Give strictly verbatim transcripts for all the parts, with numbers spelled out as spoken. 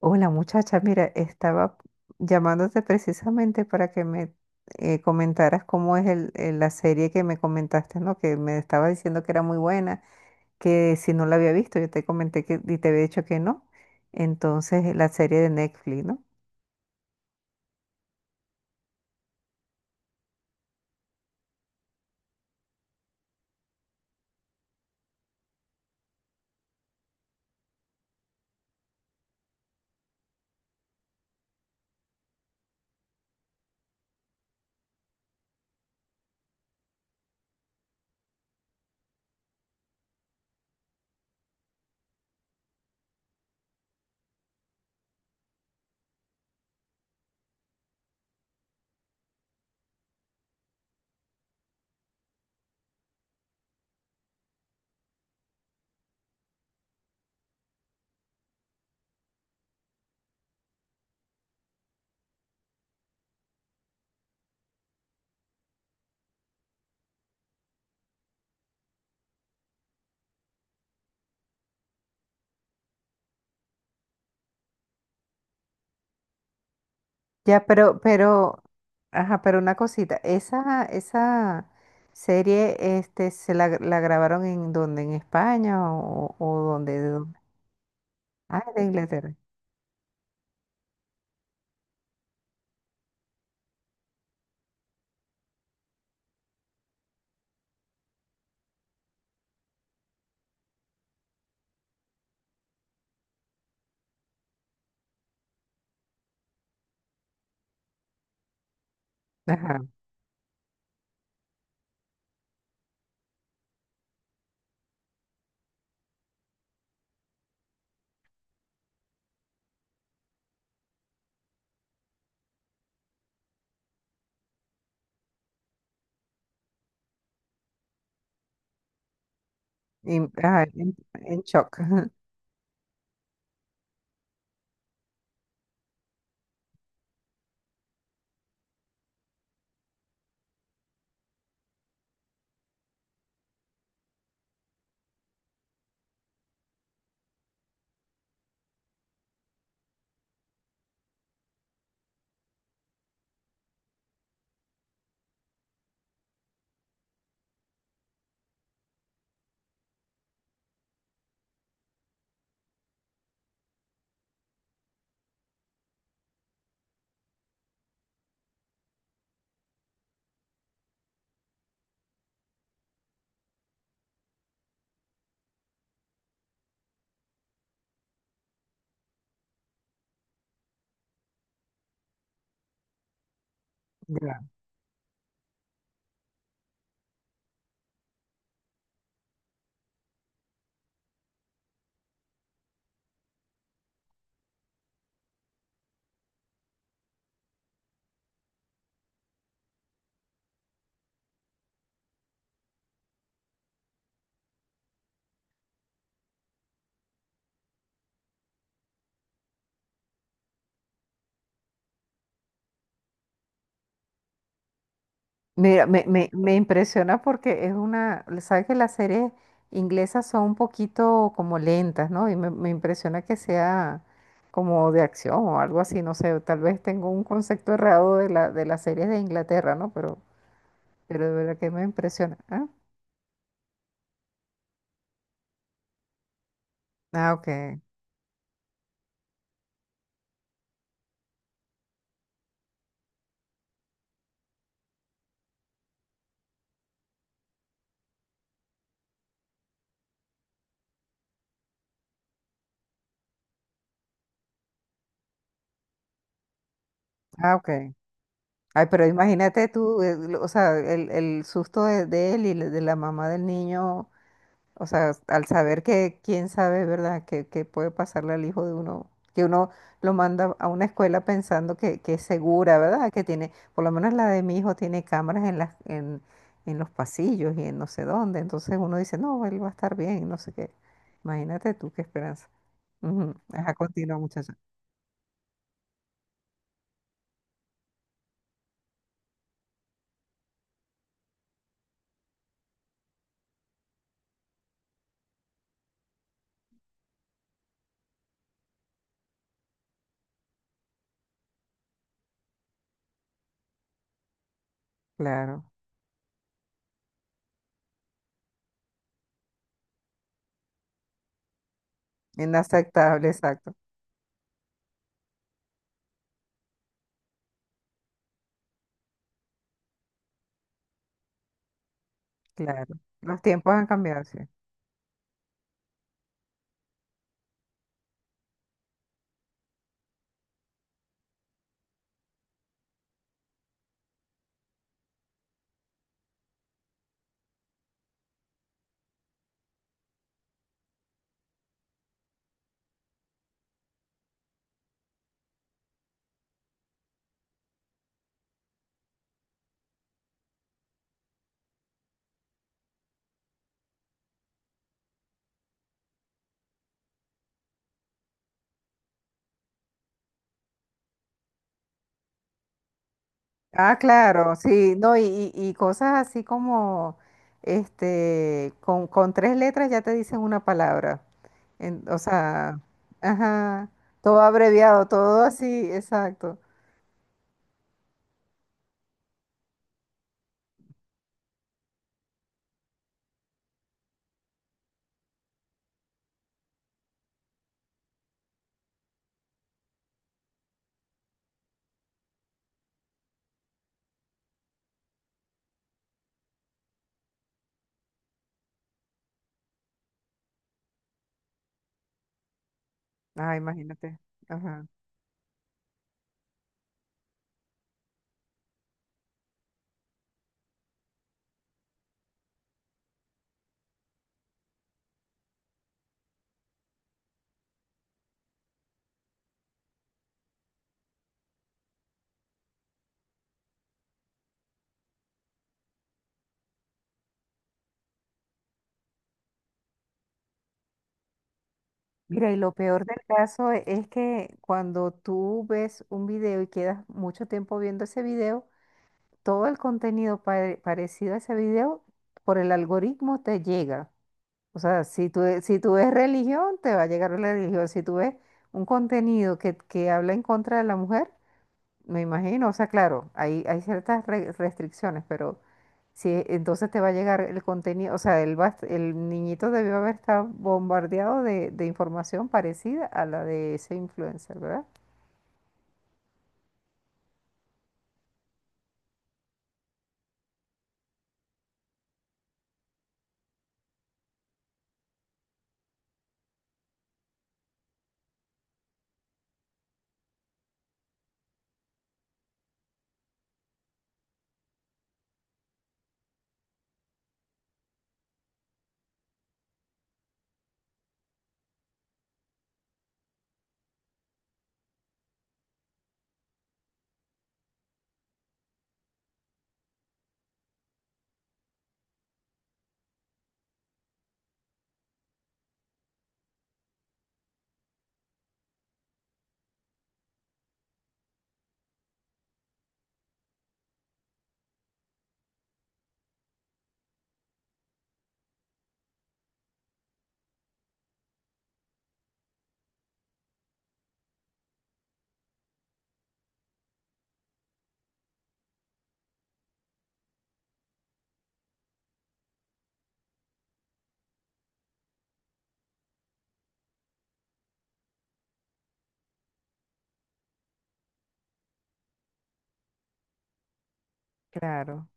Hola muchacha, mira, estaba llamándote precisamente para que me eh, comentaras cómo es el- el- la serie que me comentaste, ¿no? Que me estaba diciendo que era muy buena, que si no la había visto, yo te comenté que y te había dicho que no. Entonces, la serie de Netflix, ¿no? Ya, pero, pero, ajá, pero una cosita, esa, esa serie, este, ¿se la, la grabaron en dónde? ¿En España o, o dónde? ¿De dónde? Ah, de Inglaterra. Ajá, in- ajá, en, en shock. Ya. Mira, me, me, me impresiona porque es una, sabes que las series inglesas son un poquito como lentas, ¿no? Y me, me impresiona que sea como de acción o algo así, no sé, tal vez tengo un concepto errado de la, de las series de Inglaterra, ¿no? Pero, pero de verdad que me impresiona. Ah, ah, ok, ah, ok. Ay, pero imagínate tú, eh, lo- o sea, el, el susto de, de él y le- de la mamá del niño. O sea, al saber que quién sabe, ¿verdad?, que, que puede pasarle al hijo de uno, que uno lo manda a una escuela pensando que, que es segura, ¿verdad? Que tiene, por lo menos la de mi hijo tiene cámaras en las, en, en los pasillos y en no sé dónde. Entonces uno dice, no, él va a estar bien, no sé qué. Imagínate tú qué esperanza. Ujú. Ajá, continúa, muchacha. Claro. Inaceptable, exacto. Claro. Los tiempos han cambiado, sí. Ah, claro, sí, no, y, y- y cosas así como, este, con, con tres letras ya te dicen una palabra, en- o sea, ajá, todo abreviado, todo así, exacto. Ah, imagínate, ajá. Mira, y lo peor del caso e- es que cuando tú ves un video y quedas mucho tiempo viendo ese video, todo el contenido pare- parecido a ese video por el algoritmo te llega. O sea, si tú, eh, si tú ves religión, te va a llegar la religión. Si tú ves un contenido que, que habla en contra de la mujer, me imagino, o sea, claro, hay, hay ciertas re- restricciones, pero si entonces te va a llegar el contenido, o sea, él va, a est- el niñito debió haber estado bombardeado de, de información parecida a la de ese influencer, ¿verdad? Claro.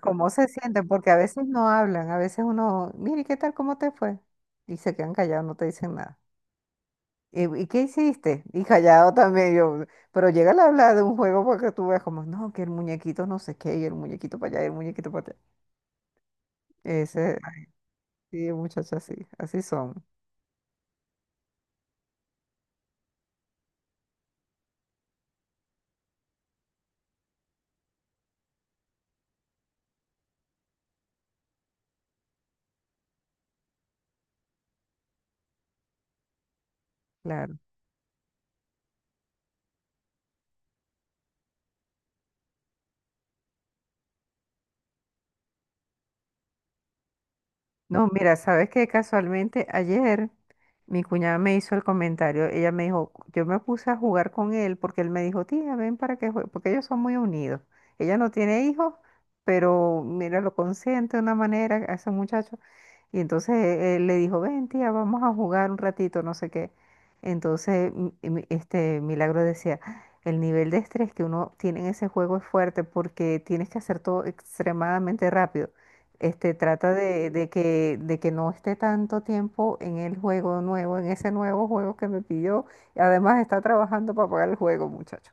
¿Cómo se sienten? Porque a veces no hablan, a veces uno, mire, ¿qué tal? ¿Cómo te fue? Y se quedan callados, no te dicen nada. ¿Y, y qué hiciste? Y callado también yo. Pero llega a hablar de un juego porque tú ves como, no, que el muñequito no sé qué, y el muñequito para allá, y el muñequito para allá. Ese, así, muchachos, así, así son. Claro. No, mira, sabes que casualmente ayer mi cuñada me hizo el comentario. Ella me dijo, yo me puse a jugar con él porque él me dijo, tía, ven para que juegue, porque ellos son muy unidos. Ella no tiene hijos, pero mira, lo consiente de una manera a ese muchacho. Y entonces él le dijo, ven, tía, vamos a jugar un ratito, no sé qué. Entonces, m- m- este Milagro decía, el nivel de estrés que uno tiene en ese juego es fuerte porque tienes que hacer todo extremadamente rápido. Este, trata de, de que, de que no esté tanto tiempo en el juego nuevo, en ese nuevo juego que me pidió. Y además está trabajando para pagar el juego, muchacho.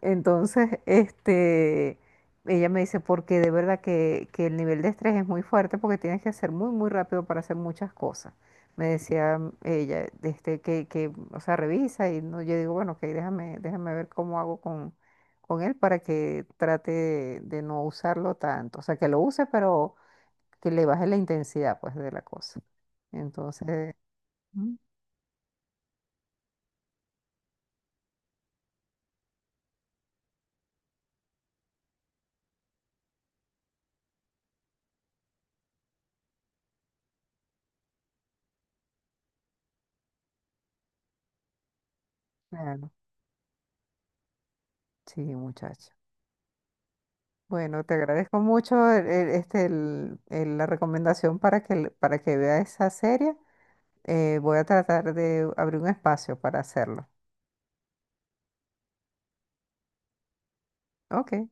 Entonces, este, ella me dice, porque de verdad que, que el nivel de estrés es muy fuerte porque tienes que hacer muy, muy rápido para hacer muchas cosas. Me decía ella, este, que, que, o sea, revisa y no, yo digo, bueno, ok, déjame, déjame ver cómo hago con, con él para que trate de de no usarlo tanto. O sea, que lo use, pero que le baje la intensidad, pues, de la cosa. Entonces, mm, claro, sí, muchacho. Bueno, te agradezco mucho el- el- este, el- el- la recomendación para que, le- para que vea esa serie. Eh, voy a tratar de abrir un espacio para hacerlo. Ok.